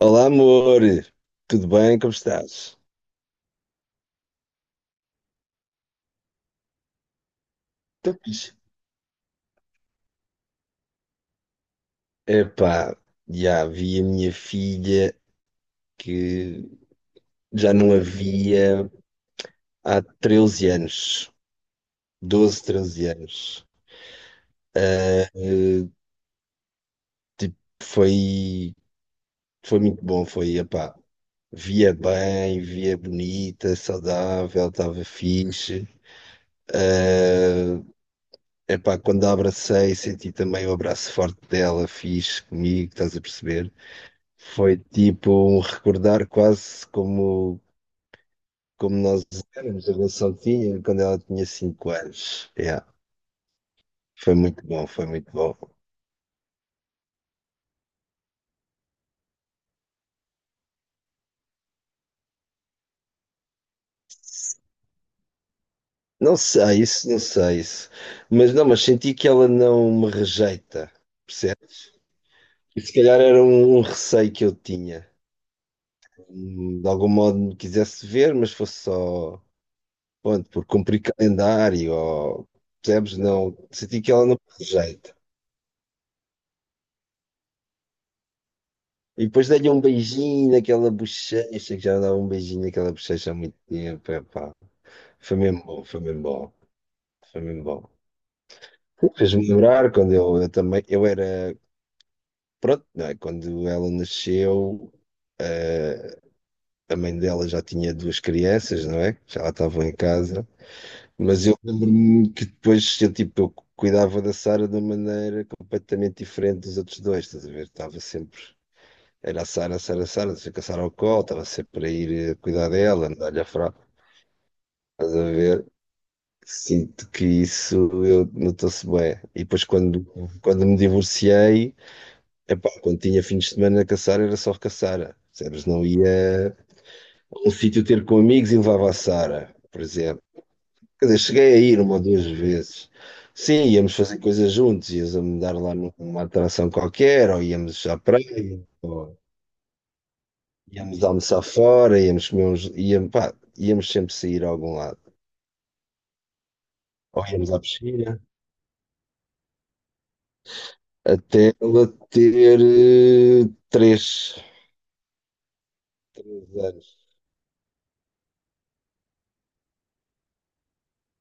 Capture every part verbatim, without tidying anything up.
Olá, amor. Tudo bem? Como estás? Estou fixe. Epá, já vi a minha filha que já não a via há treze anos. Doze, treze anos. Tipo, foi, foi muito bom. Foi, epá, via bem, via bonita, saudável, estava fixe. Epá, quando a abracei, senti também o abraço forte dela, fixe comigo, estás a perceber? Foi tipo um recordar, quase como como nós éramos, a Gonçalves quando ela tinha cinco anos. Yeah. Foi muito bom, foi muito bom. Não sei isso, não sei isso. Mas não, mas senti que ela não me rejeita, percebes? E se calhar era um, um receio que eu tinha. Hum, De algum modo me quisesse ver, mas fosse só, pronto, por cumprir calendário, ou, percebes? Não, senti que ela não me rejeita. E depois dei-lhe um beijinho naquela bochecha, que já não dava um beijinho naquela bochecha há muito tempo, epá. Foi mesmo bom, foi mesmo bom, foi mesmo bom. Fez-me lembrar quando eu, eu também, eu era, pronto, não é? Quando ela nasceu, a mãe dela já tinha duas crianças, não é? Já lá estavam em casa, mas eu lembro-me que depois eu, tipo, eu cuidava da Sara de uma maneira completamente diferente dos outros dois, estás a ver? Estava sempre, era a Sara, a Sara, a Sara, deixa que a Sara ao colo, estava sempre a ir eh, cuidar dela, andar-lhe a fralda, ver. Sinto que isso eu notou-se bem. E depois quando, quando, me divorciei, epá, quando tinha fins de semana a caçar, era só caçar. Sabes, não ia a um sítio ter com amigos e levava a Sara, por exemplo. Quer dizer, cheguei a ir uma ou duas vezes. Sim, íamos fazer coisas juntos, íamos dar lá numa atração qualquer, ou íamos à praia, ou íamos almoçar fora, íamos comer uns, íamos, pá, íamos sempre sair a algum lado. Ou íamos à piscina, até ela ter eh, três anos.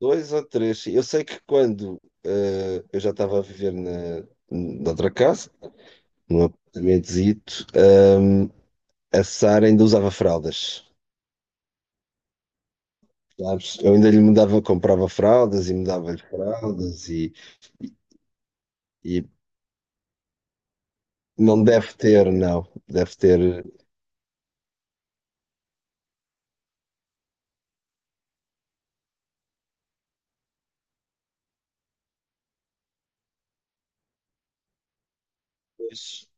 Dois ou três. Sim. Eu sei que quando eh, eu já estava a viver na, na outra casa, num apartamentozito, ehm, a Sara ainda usava fraldas. Sabes? Eu ainda lhe mudava, comprava fraldas e mudava-lhe fraldas e, e não deve ter, não. Deve ter. Mas,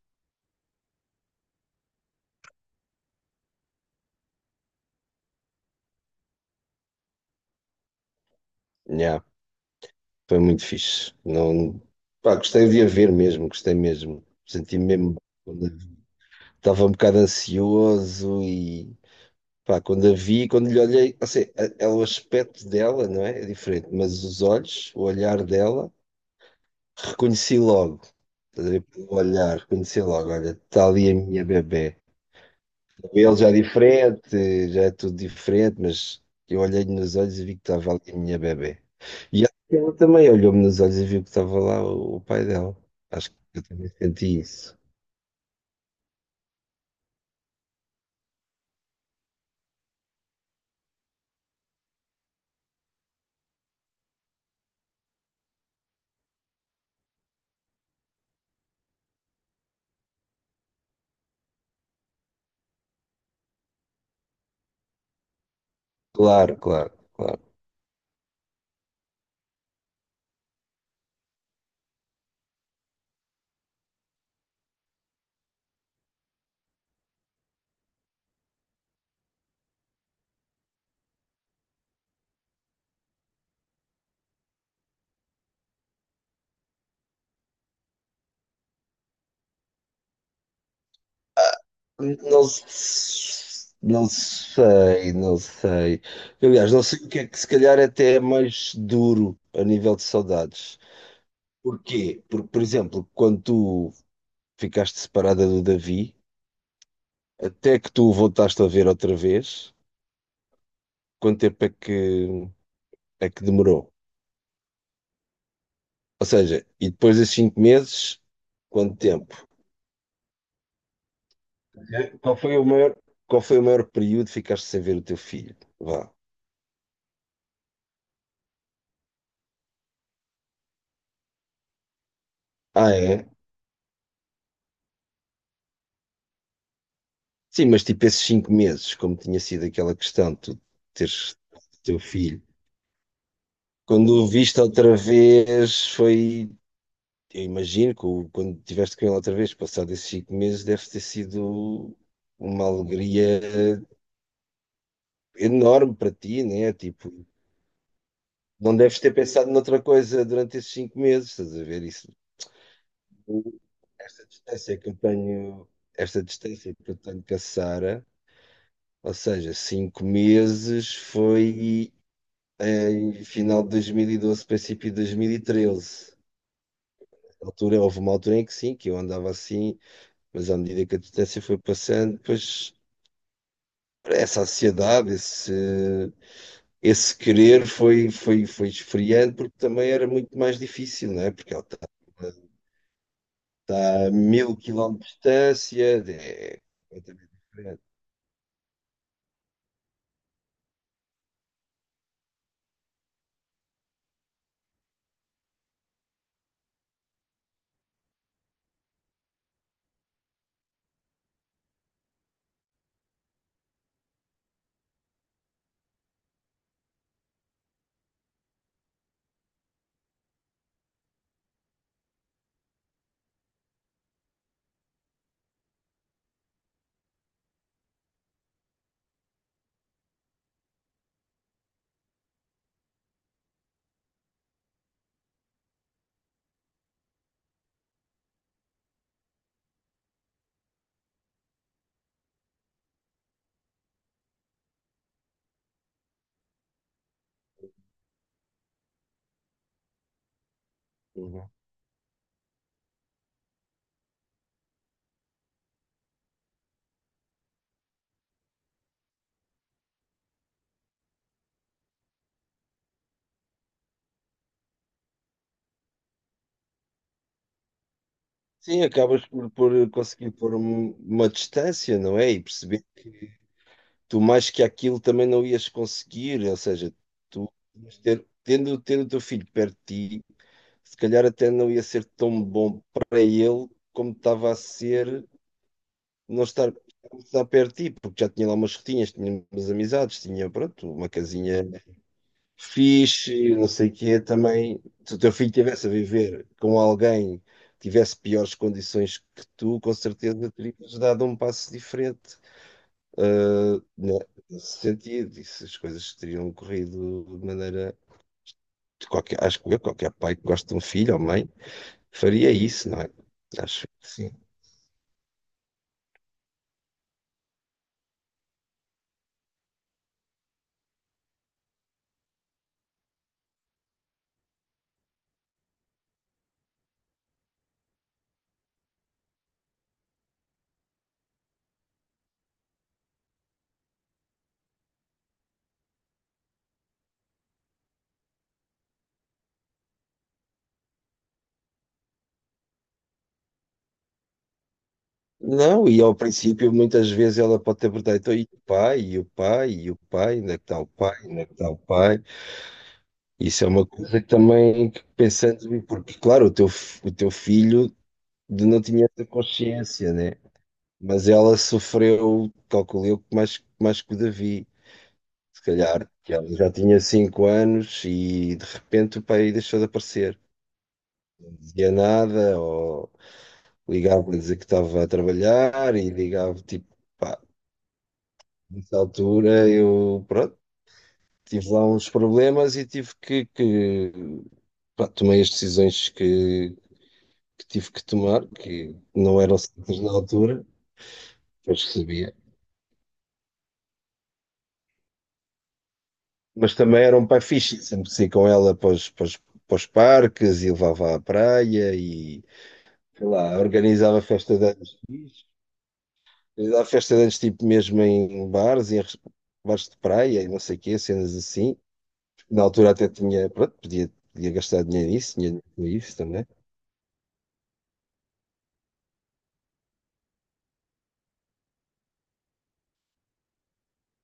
nhá, foi muito fixe. Não, pá, gostei de a ver mesmo, gostei mesmo. Senti mesmo. Estava um bocado ansioso e pá, quando a vi, quando lhe olhei, ou seja, a- é o aspecto dela, não é? É diferente, mas os olhos, o olhar dela, reconheci logo. Estás a ver? Pelo olhar, reconheci logo, olha, está ali a minha bebé. Ele já é diferente, já é tudo diferente, mas eu olhei-lhe nos olhos e vi que estava ali a minha bebé. E acho que ela também olhou-me nos olhos e viu que estava lá o, o pai dela. Acho que eu também senti isso. Claro, claro, claro. Não, s- não sei, não sei. Aliás, não sei o que é que se calhar até é mais duro a nível de saudades. Porquê? Porque, por exemplo, quando tu ficaste separada do Davi, até que tu o voltaste a ver outra vez, quanto tempo é que, é que demorou? Ou seja, e depois desses cinco meses, quanto tempo? Qual foi o maior, qual foi o maior período que ficaste sem ver o teu filho? Vá. Ah, é? Sim, mas tipo esses cinco meses, como tinha sido aquela questão de tu teres teu filho, quando o viste outra vez foi, eu imagino que o- quando tiveste com ele outra vez, passado esses cinco meses, deve ter sido uma alegria enorme para ti, né? Tipo, não deves ter pensado noutra coisa durante esses cinco meses, estás a ver isso? Esta distância que eu tenho, esta distância que eu tenho com a Sara, ou seja, cinco meses foi. Em final de dois mil e doze, princípio de dois mil e treze. Na altura, houve uma altura em que sim, que eu andava assim, mas à medida que a distância foi passando, depois essa ansiedade, esse, esse querer foi, foi, foi esfriando, porque também era muito mais difícil, não é? Porque ela está, está a mil quilómetros de distância, é completamente diferente. Uhum. Sim, acabas por, por conseguir pôr um- uma distância, não é? E perceber tu mais que aquilo também não ias conseguir, ou seja, tu ias ter, tendo, tendo o teu filho perto de ti, se calhar até não ia ser tão bom para ele como estava a ser não estar, estar perto de ti, porque já tinha lá umas rotinhas, tinha umas amizades, tinha, pronto, uma casinha fixe, não sei o quê, também, se o teu filho estivesse a viver com alguém, que tivesse piores condições que tu, com certeza terias dado um passo diferente, né, nesse sentido, e se as coisas teriam corrido de maneira. De qualquer- acho que eu, qualquer pai que gosta de um filho ou mãe, faria isso, não é? Acho que sim. Não, e ao princípio muitas vezes ela pode ter perguntado, então, e o pai, e o pai, e o pai, onde é que está o pai, onde é que está o pai? Isso é uma coisa que também que pensando, porque claro, o teu, f- o teu filho de- não tinha essa consciência, né? Mas ela sofreu, calculo eu, mais, mais que o Davi. Se calhar, que ela já tinha cinco anos e de repente o pai deixou de aparecer. Não dizia nada, ou ligava para dizer que estava a trabalhar e ligava, tipo, pá, nessa altura eu, pronto, tive lá uns problemas e tive que, que, pá, tomei as decisões que, que tive que tomar, que não eram certas na altura, depois que sabia. Mas também era um pai fixe, sempre saí com ela para os, para os- para os parques e levava à praia e sei lá, organizava festa de anos, fixe, organizava festa de anos tipo mesmo em bares, em res- bares de praia e não sei o quê, cenas assim. Na altura até tinha, pronto, podia, podia gastar dinheiro nisso, tinha dinheiro com isso também.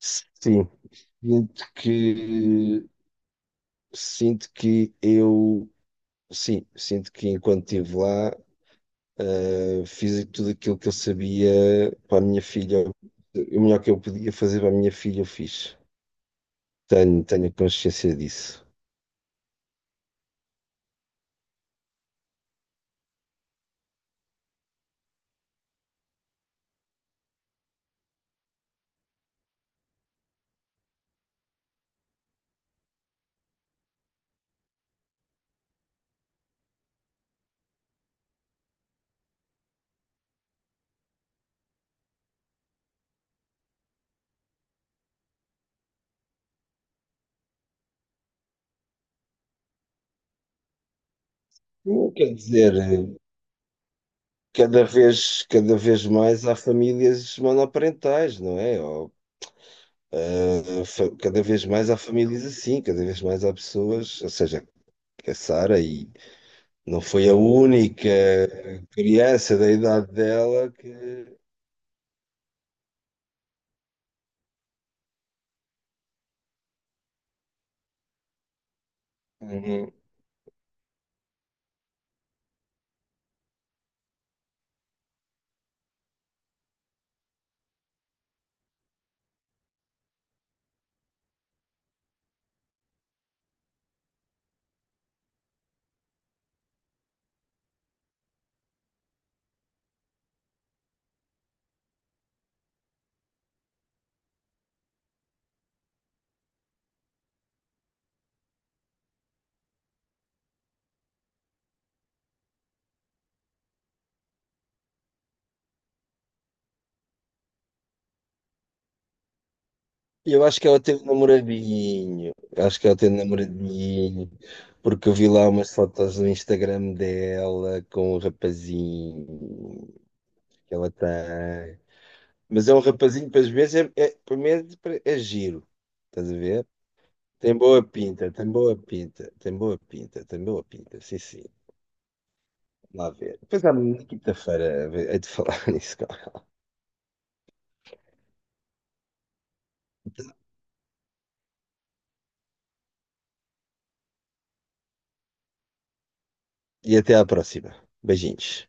Sim, sinto que, sinto que eu, sim, sinto que enquanto estive lá, eh, fiz tudo aquilo que eu sabia para a minha filha, o melhor que eu podia fazer para a minha filha, eu fiz. Tenho, tenho consciência disso. Não quer dizer. eh, Cada vez, cada vez mais há famílias monoparentais, não é? Ou, eh, fa- cada vez mais há famílias assim, cada vez mais há pessoas, ou seja, a Sara e não foi a única criança da idade dela que. Uhum. Eu acho que ela teve um namoradinho, acho que ela teve um namoradinho, porque eu vi lá umas fotos no Instagram dela com o rapazinho que ela tem. Mas é um rapazinho, para as vezes, é, é, pelo menos é é giro. Estás a ver? Tem boa pinta, tem boa pinta, tem boa pinta, tem boa pinta. Sim, sim. Vamos lá ver. Depois, à quinta-feira, é de falar nisso. Cara. E até à próxima. Beijinhos.